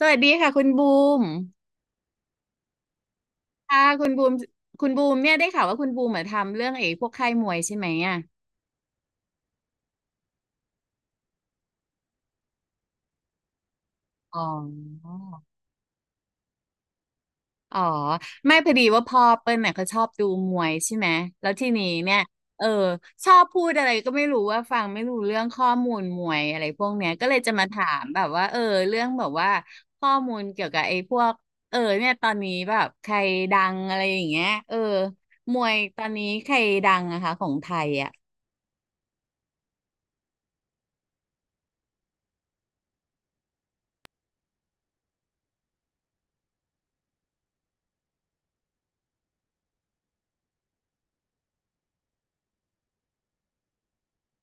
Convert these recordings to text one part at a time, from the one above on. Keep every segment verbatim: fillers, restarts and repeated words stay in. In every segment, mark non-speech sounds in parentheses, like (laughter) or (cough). สวัสดีค่ะคุณบูมค่ะคุณบูมคุณบูมเนี่ยได้ข่าวว่าคุณบูมมาทำเรื่องไอ้พวกค่ายมวยใช่ไหมอ่ะอ๋ออ๋อไม่พอดีว่าพ่อเปิ้ลเนี่ยเขาชอบดูมวยใช่ไหมแล้วทีนี้เนี่ยเออชอบพูดอะไรก็ไม่รู้ว่าฟังไม่รู้เรื่องข้อมูลมวยอะไรพวกเนี้ยก็เลยจะมาถามแบบว่าเออเรื่องแบบว่าข้อมูลเกี่ยวกับไอ้พวกเออเนี่ยตอนนี้แบบใครดังอะไรอย่างเงี้ยเออมวยตอนนี้ใครดังอะคะของไทยอะ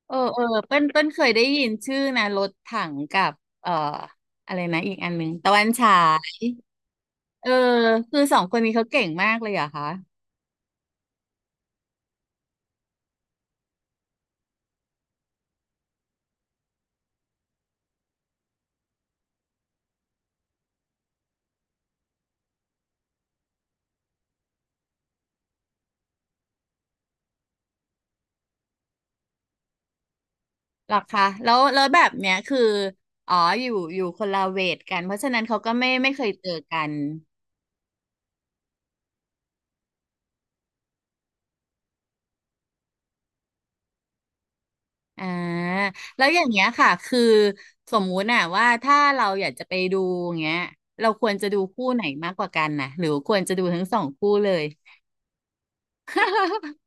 เออเออเปิ้ลเปิ้ลเคยได้ยินชื่อนะรถถังกับเอ่ออะไรนะอีกอันหนึงตะวันฉายเออคือสองคนนี้เขาเก่งมากเลยเหรอคะหรอคะแล้วแล้วแบบเนี้ยคืออ๋ออยู่อยู่คนละเวทกันเพราะฉะนั้นเขาก็ไม่ไม่เคยเจอกันอ่าแล้วอย่างเงี้ยค่ะคือสมมุติน่ะว่าถ้าเราอยากจะไปดูอย่างเงี้ยเราควรจะดูคู่ไหนมากกว่ากันนะหรือควรจะดูทั้งสองคู่เลย (laughs)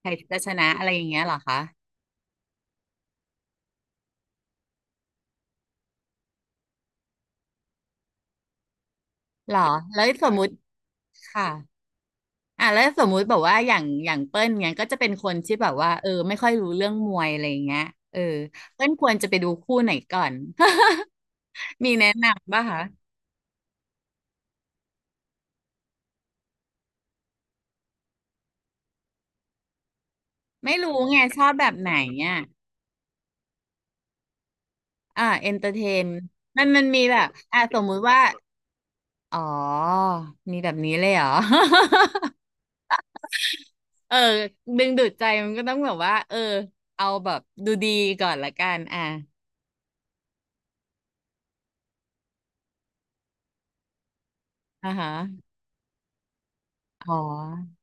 ใครจะชนะอะไรอย่างเงี้ยเหรอคะหรอแล้วสมมุติ ค่ะอ่ะแล้วสมมุติแบบว่าอย่างอย่างเปิ้ลเนี้ยก็จะเป็นคนที่แบบว่าเออไม่ค่อยรู้เรื่องมวยอะไรอย่างเงี้ยเออเปิ้ลควรจะไปดูคู่ไหนก่อน (laughs) มีแนะนำป่ะคะไม่รู้ไงชอบแบบไหนอ่ะอ่าเอนเตอร์เทนมันมันมีแบบอ่ะสมมุติว่าอ๋อมีแบบนี้เลยเหรอ (laughs) เออดึงดูดใจมันก็ต้องแบบว่าเออเอาแบบดูดีก่อนละกันอ่ะอ่าฮะอ๋อ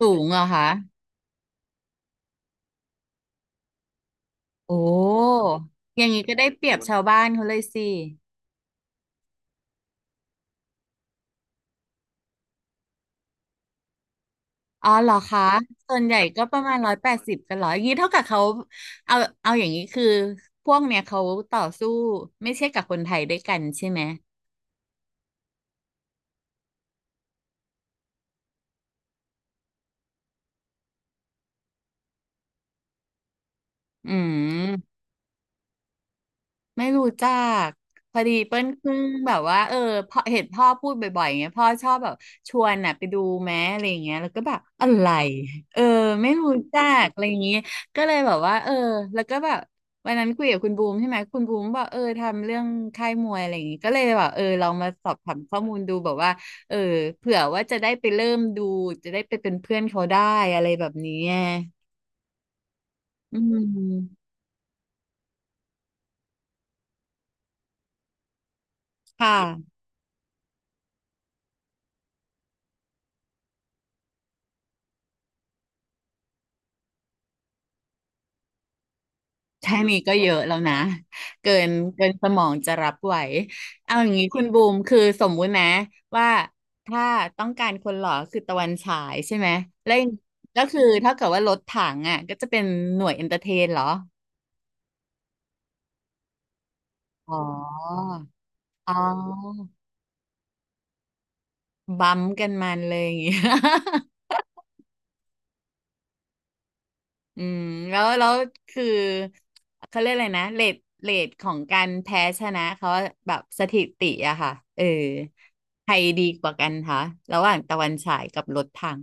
สูงเหรอคะ โอ้อย่างนี้ก็ได้เปรียบชาวบ้านเขาเลยสิอ๋อเหรอคะส่วนใหญ่ก็ประมาณร้อยแปดสิบกันเหรออย่างนี้เท่ากับเขาเอาเอาอย่างนี้คือพวกเนี้ยเขาต่อสู้ไม่ใช่กับคนไทยด้วยกันใช่ไหมอืม ไม่รู้จักพอดีเปิ้ลเพิ่งแบบว่าเออพอเห็นพ่อพูดบ่อยๆอย่างเงี้ยพ่อชอบแบบชวนน่ะไปดูแม้อะไรอย่างเงี้ยแล้วก็แบบอะไรเออไม่รู้จักอะไรอย่างเงี้ยก็เลยแบบว่าเออแล้วก็แบบวันนั้นคุยกับคุณบูมใช่ไหมคุณบูมบอกเออทำเรื่องค่ายมวยอะไรอย่างงี้ก็เลยแบบเออลองมาสอบถามข้อมูลดูแบบว่าเออเผื่อว่าจะได้ไปเริ่มดูจะได้ไปเป็นเพื่อนเขาได้อะไรแบบนี้ไงอืมค่ะ แค่นี้ก็เยอะแล้วนะเกินเกินสมองจะรับไหวเอาอย่างนี้คุณบูมคือสมมุตินะว่าถ้าต้องการคนหล่อคือตะวันฉายใช่ไหมแล้วอย่างก็คือเท่ากับว่ารถถังอ่ะก็จะเป็นหน่วยเอนเตอร์เทนเหรออ๋ออ๋อบัมป์กันมันเลยอย่างงี้ (laughs) อืมแล้วแล้วคือเขาเรียกอะไรนะเรทเรทของการแพ้ชนะเขาแบบสถิติอะค่ะเออใครดีกว่ากันคะระหว่างตะวันฉายกับรถถัง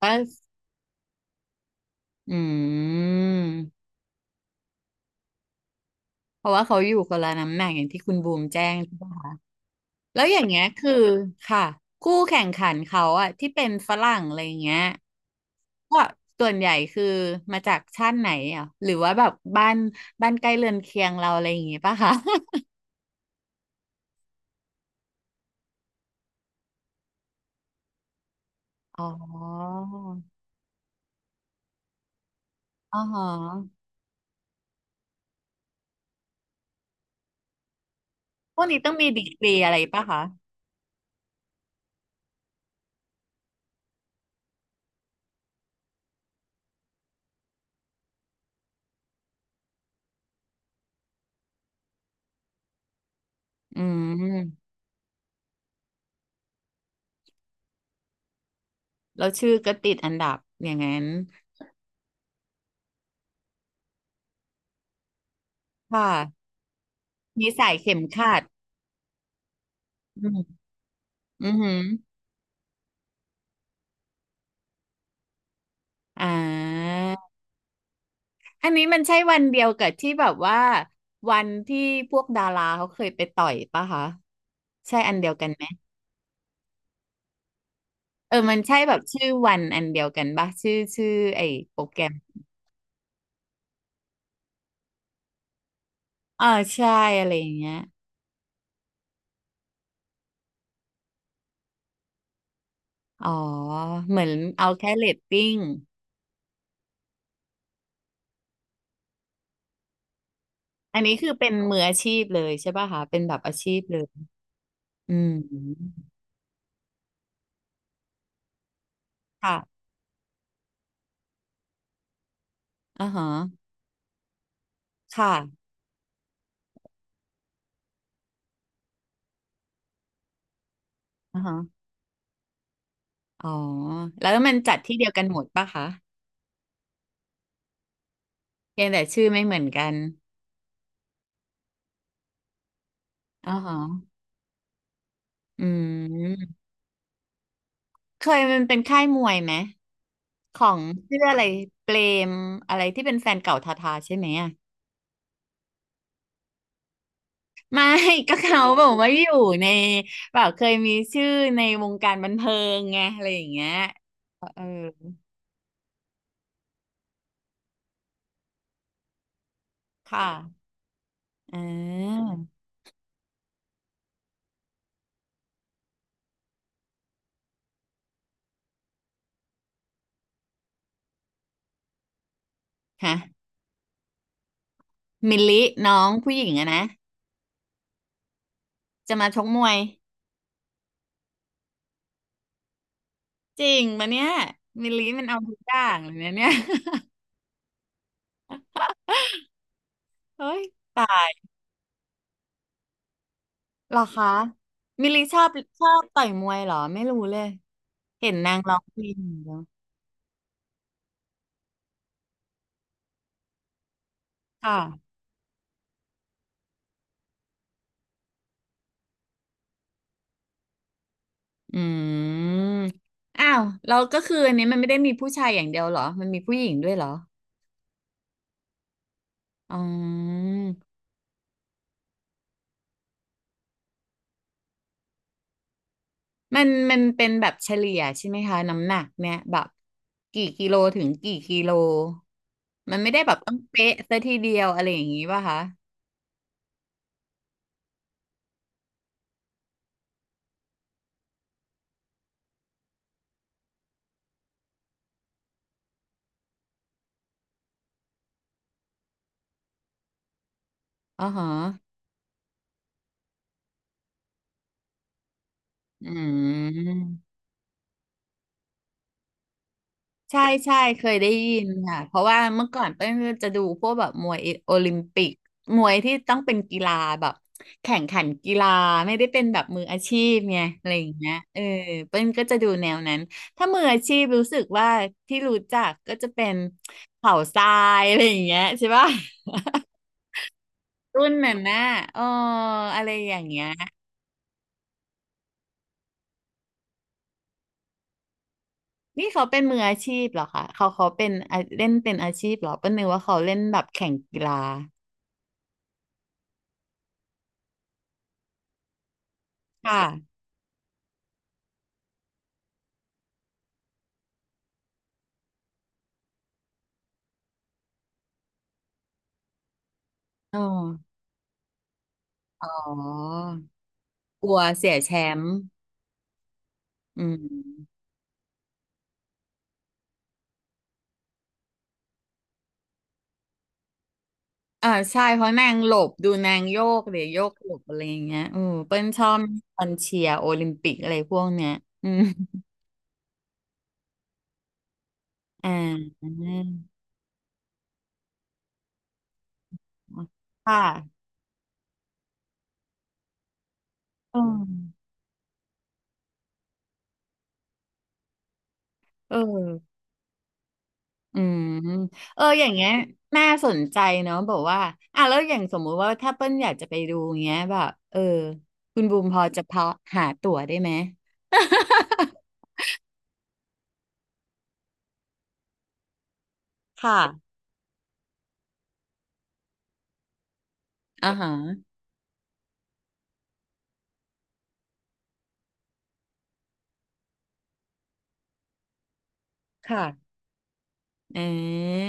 ก็อืมเพราะว่าเขาอยู่คนละน้ำหนักอย่างที่คุณบูมแจ้งใช่ปะแล้วอย่างเงี้ยคือค่ะคู่แข่งขันเขาอะที่เป็นฝรั่งอะไรอย่างเงี้ยก็ส่วนใหญ่คือมาจากชาติไหนอ่ะหรือว่าแบบบ้านบ้านใกล้เรือนเคียงเราอะไรอย่างงี้ป่ะคะ อ๋ออ๋อฮะพวกนี้ต้องมีดีกรีอะไรป่ะคะอืมแล้วชื่อก็ติดอันดับอย่างนั้นค่ะมีสายเข็มขัดอืมอือหืออ่าอันนี้มันใช่วันเดียวกับที่แบบว่าวันที่พวกดาราเขาเคยไปต่อยป่ะคะใช่อันเดียวกันไหมเออมันใช่แบบชื่อวันอันเดียวกันป่ะชื่อชื่อไอ้โปรแกรมอ่าใช่อะไรอย่างเงี้ยอ๋อเหมือนเอาแค่เรตติ้ง อันนี้คือเป็นมืออาชีพเลยใช่ป่ะคะเป็นแบบอาชีพเลยอืมค่ะอ่าฮะค่ะอ่าฮะอ๋อแล้วมันจัดที่เดียวกันหมดป่ะคะเพียงแต่ชื่อไม่เหมือนกันอ่าฮะอืมเคยมันเป็นค่ายมวยไหมของชื่ออะไรเปรมอะไรที่เป็นแฟนเก่าทาทาใช่ไหมอะไม่ (laughs) ก็เขาบอกว่าอยู่ในแบบเคยมีชื่อในวงการบันเทิงไงอะไรอย่างเงี้ยเออค่ะอ่าฮะ มิลลิน้องผู้หญิงอะนะจะมาชกมวยจริงปะเนี่ยมิลลิมันเอาทุกอย่างเลยนะเนี่ย (laughs) เฮ้ยตายเหรอคะมิลลิชอบชอบต่อยมวยเหรอไม่รู้เลยเห็นนางร้องเพลงอย่างเดียวค่ะอืมอ้าวเราก็คืออันนี้มันไม่ได้มีผู้ชายอย่างเดียวเหรอมันมีผู้หญิงด้วยเหรออ๋อ มันมันเป็นแบบเฉลี่ยใช่ไหมคะน้ำหนักเนี่ยแบบกี่กิโลถึงกี่กิโลมันไม่ได้แบบต้องเป๊ะซะทีเดียวอะไรอย่างงี้ป่ะคะอ๋อฮะอืม ใช่ใช่เคยได้ยินค่ะเพราะว่าเมื่อก่อนเป้นก็จะดูพวกแบบมวยโอลิมปิกมวยที่ต้องเป็นกีฬาแบบแข่งขันกีฬาไม่ได้เป็นแบบมืออาชีพไงอะไรอย่างเงี้ยเออเป้นก็จะดูแนวนั้นถ้ามืออาชีพรู้สึกว่าที่รู้จักก็จะเป็นเขาทรายอะไรอย่างเงี้ยใช่ป่ะ (laughs) รุ่นนั้นนะเอออะไรอย่างเงี้ยนี่เขาเป็นมืออาชีพเหรอคะเขาเขาเป็นอ่ะเล่นเป็นอาชีพเหรอเป้นนึกว่าเขาเล่นแบบแข่งกีฬาค่ะอ๋อ อ๋อกลัวเสียแชมป์อืมอ่าใช่เพราะนางหลบดูนางโยกเดี๋ยวโยกหลบอะไรอย่างเงี้ยอือเปิ้ลชอบตอนเชียร์โอลิมปิกอะไรพวกเนี้ยอืมอ่าค่ะเออเอออืมเอออย่างเงี้ยน่าสนใจเนาะบอกว่าอ่ะแล้วอย่างสมมุติว่าถ้าเปิ้ลอยากจะไปดูเงี้ยแบบเออคุณบูมพอจะพอหาตั๋วได้ไหม (laughs) ค่ะ (laughs) อ่าฮะค่ะ เอืา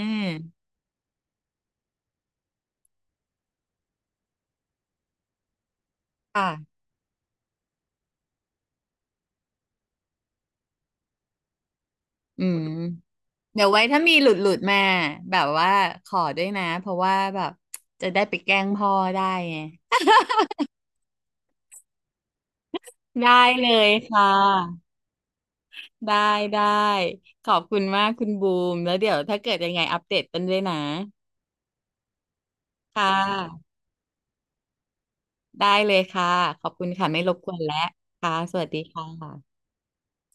ค่ะอืมเดี๋ยวไว้ถ้ามีหลุดหลุดมาแบบว่าขอด้วยนะเพราะว่าแบบจะได้ไปแกล้งพ่อได้ไงได้เลยค่ะได้ได้ขอบคุณมากคุณบูมแล้วเดี๋ยวถ้าเกิดยังไงอัปเดตกันด้วยนะค่ะได้เลยค่ะขอบคุณค่ะไม่รบกวนแล้วค่ะสวัสดีค่ะ